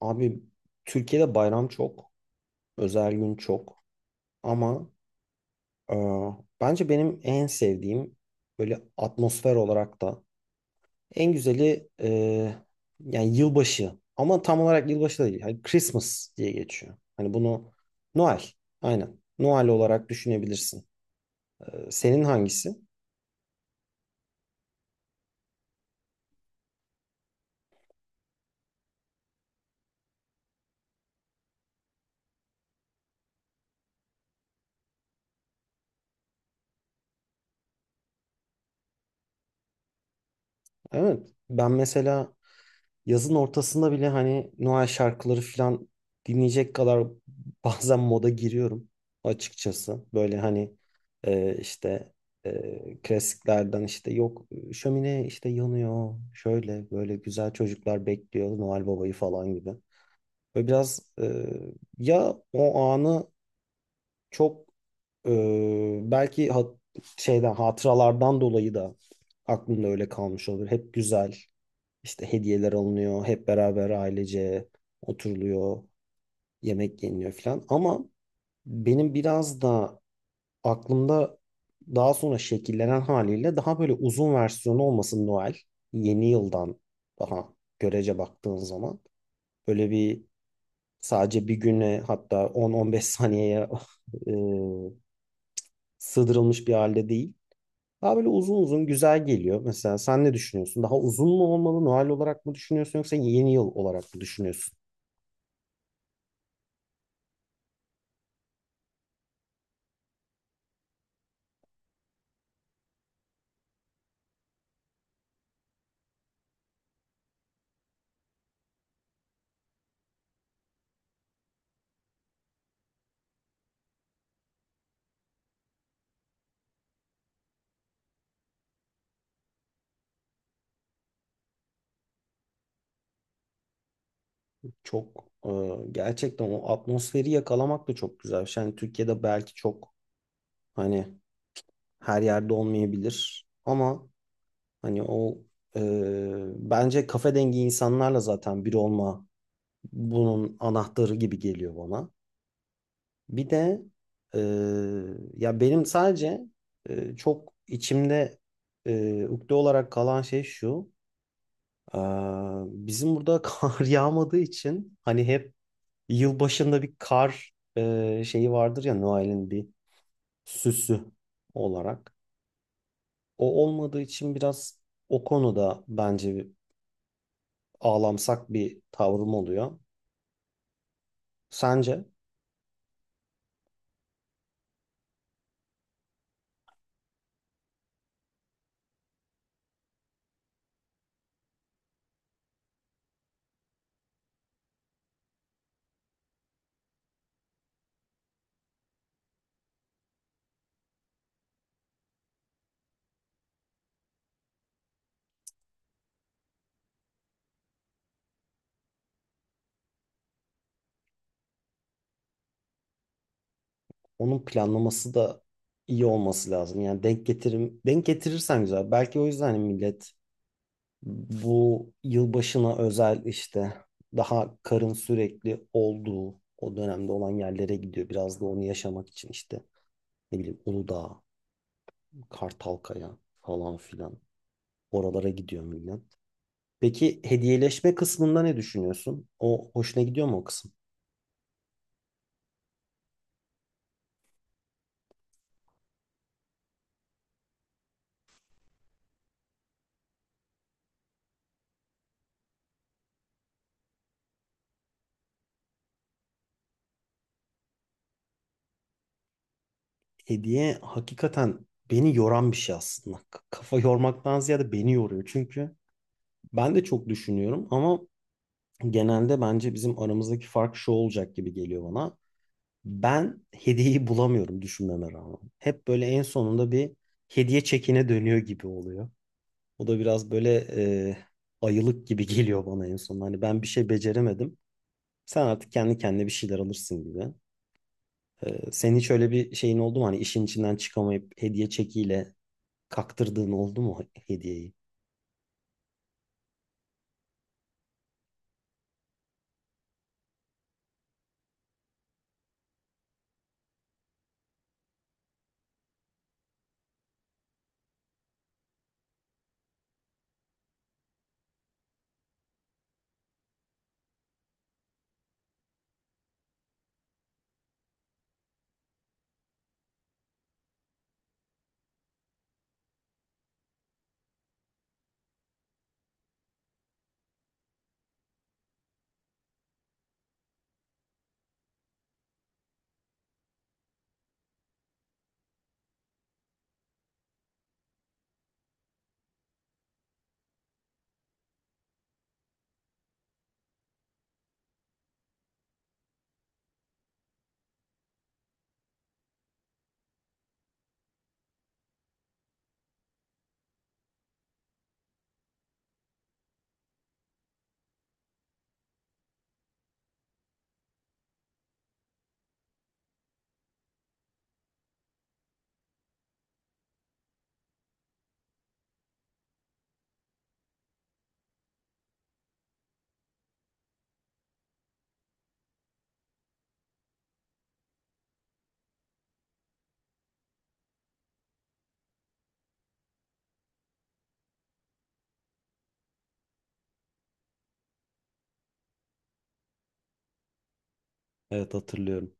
Abi Türkiye'de bayram çok, özel gün çok ama e, bence benim en sevdiğim böyle atmosfer olarak da en güzeli yani yılbaşı ama tam olarak yılbaşı da değil. Hani Christmas diye geçiyor. Hani bunu Noel, aynen Noel olarak düşünebilirsin. Senin hangisi? Evet, ben mesela yazın ortasında bile hani Noel şarkıları falan dinleyecek kadar bazen moda giriyorum açıkçası. Böyle hani işte klasiklerden, işte yok şömine işte yanıyor, şöyle böyle güzel çocuklar bekliyor Noel Baba'yı falan gibi. Ve biraz ya o anı çok e, belki şeyden, hatıralardan dolayı da aklımda öyle kalmış olabilir. Hep güzel. İşte hediyeler alınıyor, hep beraber ailece oturuluyor, yemek yeniliyor falan. Ama benim biraz da aklımda daha sonra şekillenen haliyle daha böyle uzun versiyonu olmasın Noel. Yeni yıldan daha görece baktığın zaman böyle bir, sadece bir güne, hatta 10-15 saniyeye e, sığdırılmış bir halde değil. Daha böyle uzun uzun güzel geliyor. Mesela sen ne düşünüyorsun? Daha uzun mu olmalı? Noel olarak mı düşünüyorsun yoksa yeni yıl olarak mı düşünüyorsun? Çok gerçekten o atmosferi yakalamak da çok güzel bir şey. Hani Türkiye'de belki çok hani her yerde olmayabilir ama hani o e, bence kafe dengi insanlarla zaten bir olma bunun anahtarı gibi geliyor bana. Bir de e, ya benim sadece çok içimde ukde olarak kalan şey şu. e, bizim burada kar yağmadığı için hani hep yıl başında bir kar şeyi vardır ya, Noel'in bir süsü olarak. O olmadığı için biraz o konuda bence bir ağlamsak bir tavrım oluyor. Sence onun planlaması da iyi olması lazım. Yani denk getirirsen güzel. Belki o yüzden hani millet bu yılbaşına özel işte daha karın sürekli olduğu o dönemde olan yerlere gidiyor. Biraz da onu yaşamak için işte, ne bileyim, Uludağ, Kartalkaya falan filan. Oralara gidiyor millet. Peki, hediyeleşme kısmında ne düşünüyorsun? O hoşuna gidiyor mu, o kısım? Hediye hakikaten beni yoran bir şey aslında. Kafa yormaktan ziyade beni yoruyor. Çünkü ben de çok düşünüyorum ama genelde bence bizim aramızdaki fark şu olacak gibi geliyor bana. Ben hediyeyi bulamıyorum düşünmeme rağmen. Hep böyle en sonunda bir hediye çekine dönüyor gibi oluyor. O da biraz böyle e, ayılık gibi geliyor bana en son. Hani ben bir şey beceremedim. Sen artık kendi kendine bir şeyler alırsın gibi. Senin hiç öyle bir şeyin oldu mu? Hani işin içinden çıkamayıp hediye çekiyle kaktırdığın oldu mu hediyeyi? Evet, hatırlıyorum.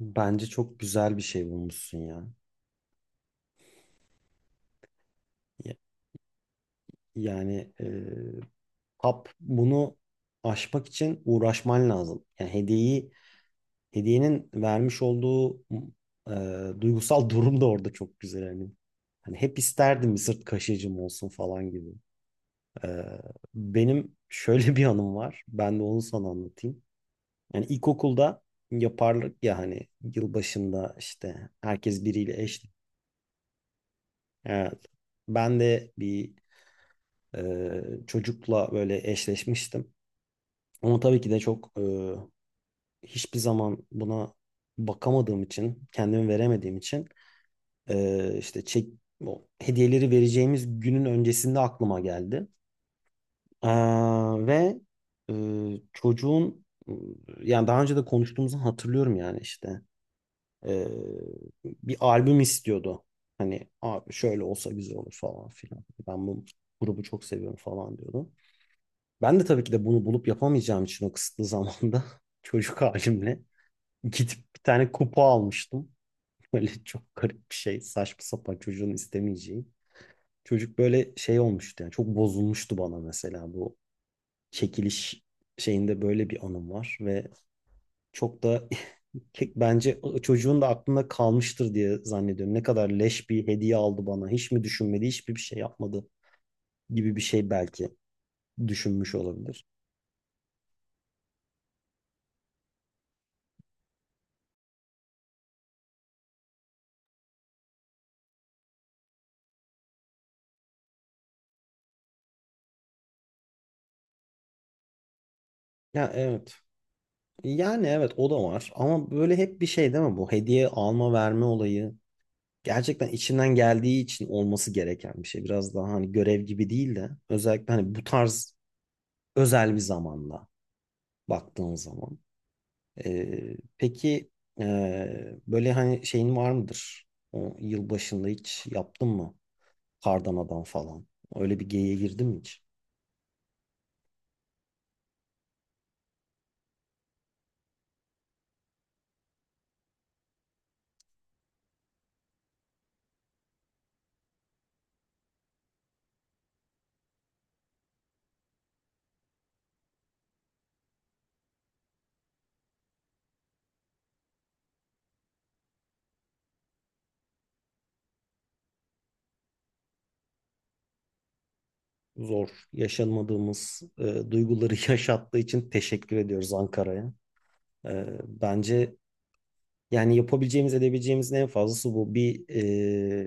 Bence çok güzel bir şey bulmuşsun ya. Ya- Yani hap bunu aşmak için uğraşman lazım. Yani hediyenin vermiş olduğu e, duygusal durum da orada çok güzel hani. Hani hep isterdim bir sırt kaşıyıcım olsun falan gibi. E, benim şöyle bir anım var. Ben de onu sana anlatayım. Yani ilkokulda yaparlık ya hani, yılbaşında işte herkes biriyle eş. Evet. Ben de bir çocukla böyle eşleşmiştim. Ama tabii ki de çok hiçbir zaman buna bakamadığım için, kendimi veremediğim için işte o hediyeleri vereceğimiz günün öncesinde aklıma geldi. Ee, ve e, çocuğun, yani daha önce de konuştuğumuzu hatırlıyorum, yani işte Ee, bir albüm istiyordu. Hani abi şöyle olsa güzel olur falan filan. Ben bu grubu çok seviyorum falan diyordu. Ben de tabii ki de bunu bulup yapamayacağım için o kısıtlı zamanda çocuk halimle gidip bir tane kupa almıştım. Böyle çok garip bir şey. Saçma sapan, çocuğun istemeyeceği. Çocuk böyle şey olmuştu, yani çok bozulmuştu bana. Mesela bu çekiliş şeyinde böyle bir anım var ve çok da bence çocuğun da aklında kalmıştır diye zannediyorum. Ne kadar leş bir hediye aldı bana. Hiç mi düşünmedi, hiçbir bir şey yapmadı gibi bir şey belki düşünmüş olabilir. Ya, evet. Yani evet, o da var ama böyle hep bir şey değil mi bu hediye alma verme olayı, gerçekten içinden geldiği için olması gereken bir şey. Biraz daha hani görev gibi değil de, özellikle hani bu tarz özel bir zamanla baktığın zaman. Peki e, böyle hani şeyin var mıdır? O yıl başında hiç yaptın mı? Kardan falan. Öyle bir geyiğe girdin mi hiç? Zor. Yaşanmadığımız duyguları yaşattığı için teşekkür ediyoruz Ankara'ya. Bence yani yapabileceğimiz, edebileceğimizin en fazlası bu. Bir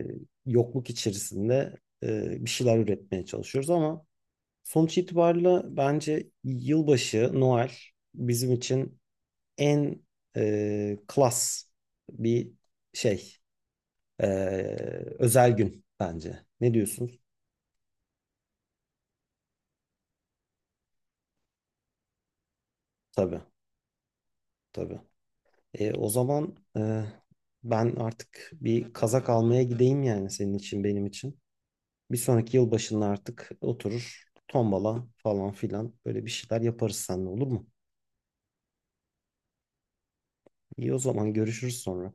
e, yokluk içerisinde bir şeyler üretmeye çalışıyoruz ama sonuç itibariyle bence yılbaşı, Noel bizim için en klas bir şey, e, özel gün bence. Ne diyorsun? Tabii, tabii. O zaman ben artık bir kazak almaya gideyim, yani senin için, benim için. Bir sonraki yılbaşında artık oturur, tombala falan filan böyle bir şeyler yaparız seninle, olur mu? İyi, o zaman görüşürüz sonra.